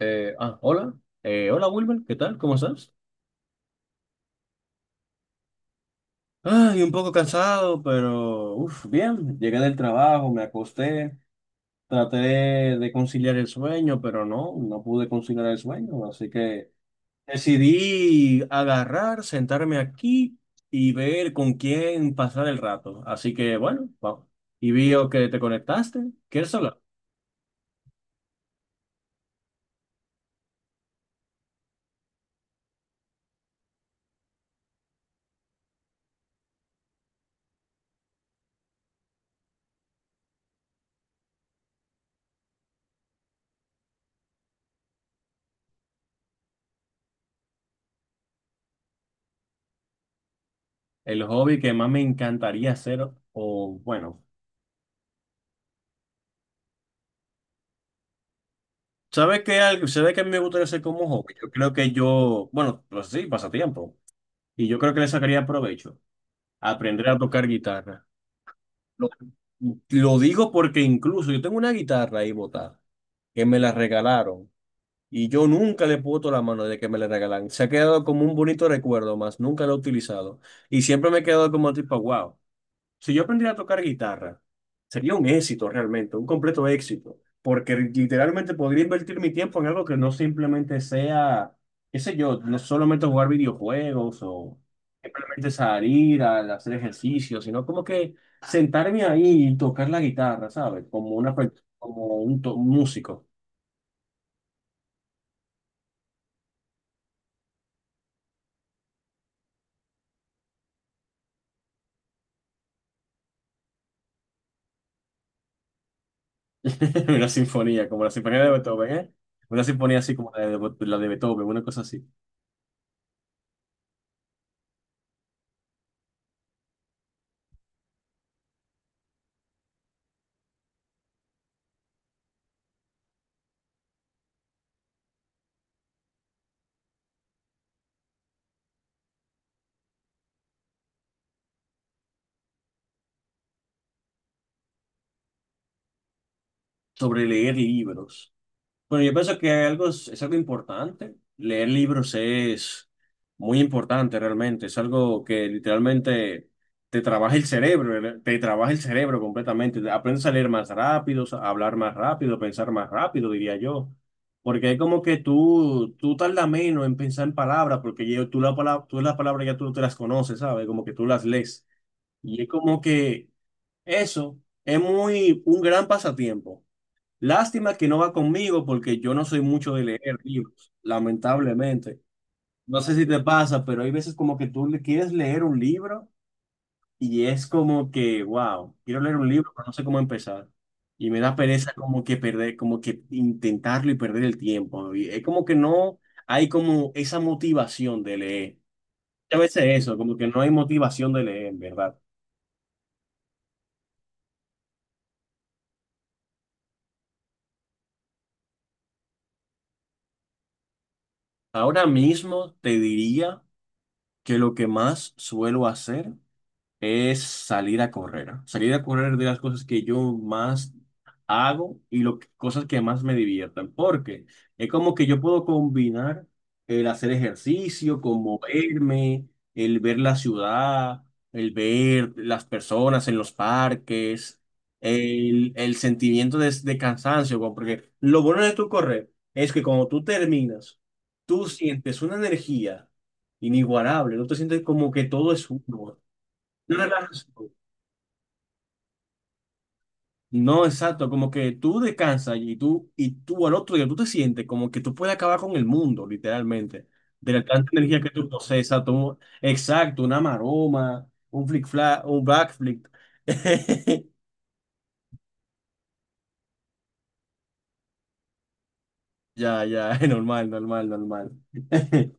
Hola. Hola Wilmer, ¿qué tal? ¿Cómo estás? Ay, un poco cansado, pero uf, bien. Llegué del trabajo, me acosté, traté de conciliar el sueño, pero no pude conciliar el sueño. Así que decidí agarrar, sentarme aquí y ver con quién pasar el rato. Así que bueno, vamos. Y vio que te conectaste. ¿Quieres hablar? El hobby que más me encantaría hacer, o bueno. ¿Sabes qué? ¿Sabes qué a mí me gustaría hacer como hobby? Yo creo que yo, bueno, pues sí, pasatiempo. Y yo creo que le sacaría provecho. Aprender a tocar guitarra. Lo, lo digo porque incluso yo tengo una guitarra ahí botada, que me la regalaron. Y yo nunca le puedo la mano de que me la regalan. Se ha quedado como un bonito recuerdo más, nunca lo he utilizado. Y siempre me he quedado como tipo, wow. Si yo aprendiera a tocar guitarra, sería un éxito realmente, un completo éxito, porque literalmente podría invertir mi tiempo en algo que no simplemente sea, qué sé yo, no solamente jugar videojuegos o simplemente salir a hacer ejercicio, sino como que sentarme ahí y tocar la guitarra, ¿sabes? Como una, como un, un músico, una sinfonía, como la sinfonía de Beethoven, ¿eh? Una sinfonía así como la de Beethoven, una cosa así, sobre leer libros. Bueno, yo pienso que algo es algo importante. Leer libros es muy importante realmente. Es algo que literalmente te trabaja el cerebro, ¿verdad? Te trabaja el cerebro completamente. Aprendes a leer más rápido, a hablar más rápido, pensar más rápido, diría yo. Porque es como que tú tardas menos en pensar en palabras, porque tú la palabra, tú las palabras ya tú te las conoces, ¿sabes? Como que tú las lees. Y es como que eso es muy un gran pasatiempo. Lástima que no va conmigo porque yo no soy mucho de leer libros, lamentablemente. No sé si te pasa, pero hay veces como que tú le quieres leer un libro y es como que, wow, quiero leer un libro, pero no sé cómo empezar. Y me da pereza como que perder, como que intentarlo y perder el tiempo. Y es como que no hay como esa motivación de leer. A veces eso, como que no hay motivación de leer, en verdad. Ahora mismo te diría que lo que más suelo hacer es salir a correr. ¿Ah? Salir a correr de las cosas que yo más hago y cosas que más me diviertan, porque es como que yo puedo combinar el hacer ejercicio, con moverme, el ver la ciudad, el ver las personas en los parques, el sentimiento de cansancio, porque lo bueno de tu correr es que cuando tú terminas, tú sientes una energía inigualable, no te sientes como que todo es uno. No relajas. No, exacto, como que tú descansas y tú al otro día tú te sientes como que tú puedes acabar con el mundo, literalmente, de la tanta energía que tú procesas, exacto, una maroma, un un backflip. Ya, ya, normal, normal, normal.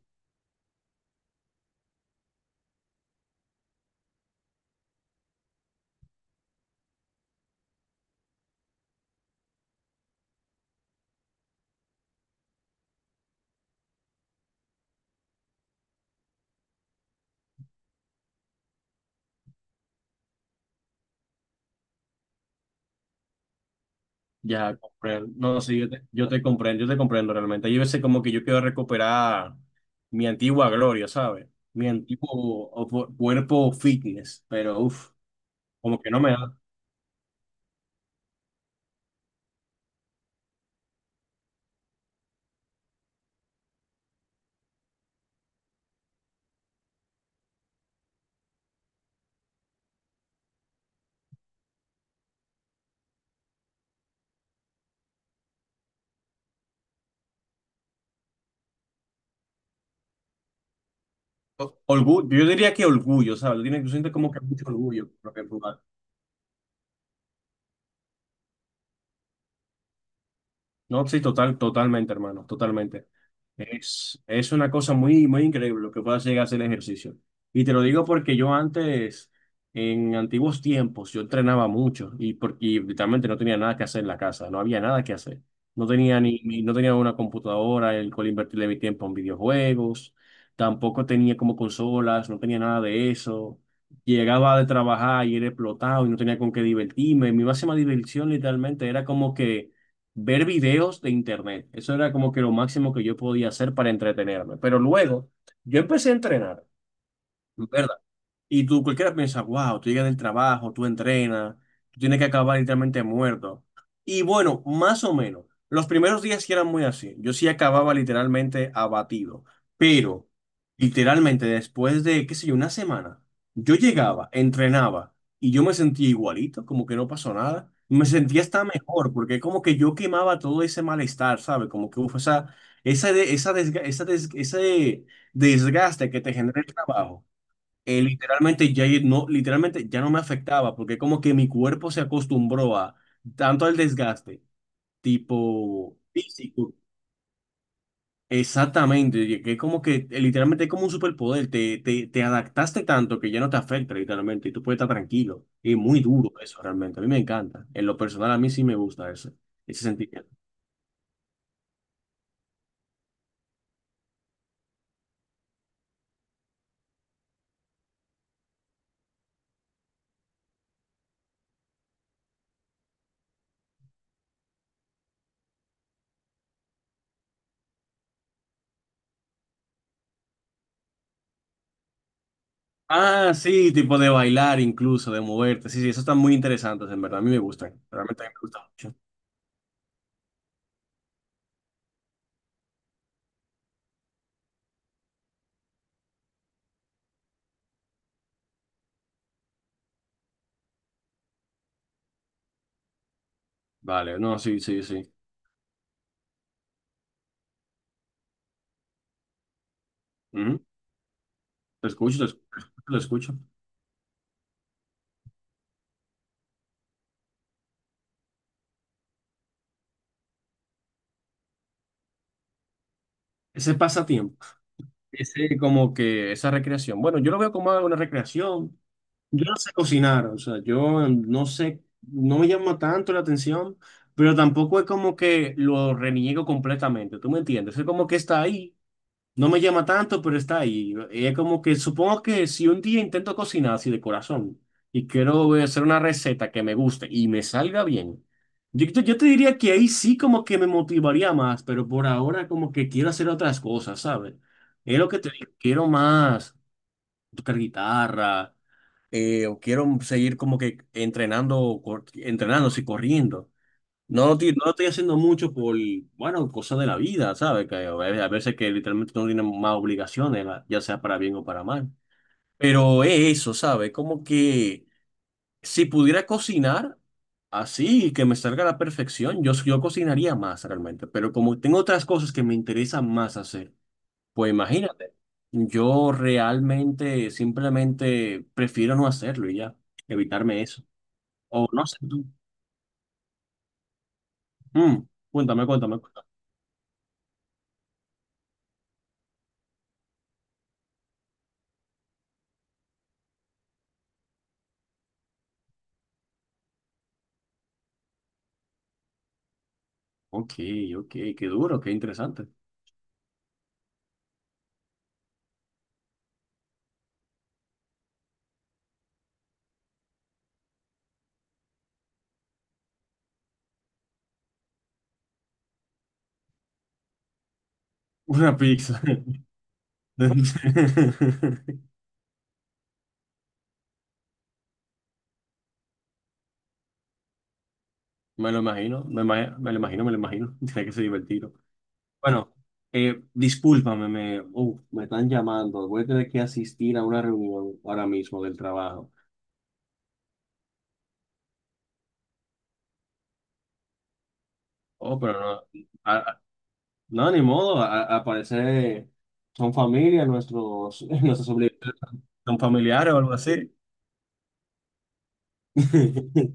Ya, comprendo. No, sí, yo te comprendo realmente. Yo a veces como que yo quiero recuperar mi antigua gloria, ¿sabes? Mi antiguo o cuerpo fitness, pero uff, como que no me da. Orgullo, yo diría que orgullo, ¿sabes? Tú sientes como que mucho orgullo por lo que tú haces. No, sí, total, totalmente, hermano, totalmente. Es una cosa muy, muy increíble lo que puedas llegar a hacer el ejercicio. Y te lo digo porque yo antes, en antiguos tiempos, yo entrenaba mucho y, porque y literalmente no tenía nada que hacer en la casa, no había nada que hacer. No tenía no tenía una computadora el cual invertirle mi tiempo en videojuegos, tampoco tenía como consolas, no tenía nada de eso. Llegaba de trabajar y era explotado y no tenía con qué divertirme. Mi máxima diversión literalmente era como que ver videos de internet. Eso era como que lo máximo que yo podía hacer para entretenerme. Pero luego yo empecé a entrenar, ¿verdad? Y tú, cualquiera piensa, wow, tú llegas del trabajo, tú entrenas, tú tienes que acabar literalmente muerto. Y bueno, más o menos. Los primeros días sí eran muy así. Yo sí acababa literalmente abatido. Pero, literalmente, después de, qué sé yo, una semana, yo llegaba, entrenaba y yo me sentía igualito, como que no pasó nada. Me sentía hasta mejor, porque como que yo quemaba todo ese malestar, ¿sabes? Como que, uf, esa, de- esa, desga- esa des- ese desgaste que te genera el trabajo literalmente ya no me afectaba porque como que mi cuerpo se acostumbró a tanto al desgaste tipo físico. Exactamente, y que es como que literalmente es como un superpoder, te adaptaste tanto que ya no te afecta literalmente y tú puedes estar tranquilo. Es muy duro eso realmente, a mí me encanta. En lo personal a mí sí me gusta eso, ese sentimiento. Ah, sí, tipo de bailar incluso, de moverte. Sí, sí, eso están muy interesantes, en verdad. A mí me gustan. Realmente a mí me gusta mucho. Vale, no, sí, sí, sí. Ujú. Lo escucho, lo escucho, lo escucho. Ese pasatiempo, ese como que esa recreación. Bueno, yo lo veo como una recreación. Yo no sé cocinar, o sea, yo no sé, no me llama tanto la atención, pero tampoco es como que lo reniego completamente, ¿tú me entiendes? Es como que está ahí. No me llama tanto, pero está ahí. Es como que supongo que si un día intento cocinar así de corazón y quiero hacer una receta que me guste y me salga bien, yo te diría que ahí sí como que me motivaría más, pero por ahora como que quiero hacer otras cosas, ¿sabes? Es lo que te digo, quiero más tocar guitarra o quiero seguir como que entrenando, entrenando, sí, corriendo. No, tío, no lo estoy haciendo mucho por, bueno, cosas de la vida, ¿sabes? Que a veces que literalmente no tienen más obligaciones, ya sea para bien o para mal. Pero es eso, ¿sabes? Como que si pudiera cocinar así, que me salga a la perfección, yo cocinaría más realmente. Pero como tengo otras cosas que me interesan más hacer, pues imagínate, yo realmente simplemente prefiero no hacerlo y ya, evitarme eso. O no sé tú. Mm, cuéntame, cuéntame. Ok, ok, qué duro, qué interesante. Una pizza. Me lo imagino, me lo imagino, me lo imagino. Tiene que ser divertido. Bueno, discúlpame, me están llamando. Voy a tener que asistir a una reunión ahora mismo del trabajo. Oh, pero no, a- a- no, ni modo. Al parecer son familia, nuestros, nuestros obligaciones son familiares o algo así.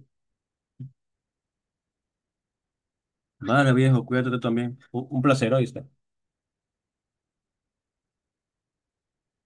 Vale, viejo, cuídate tú también. Un placer, hoy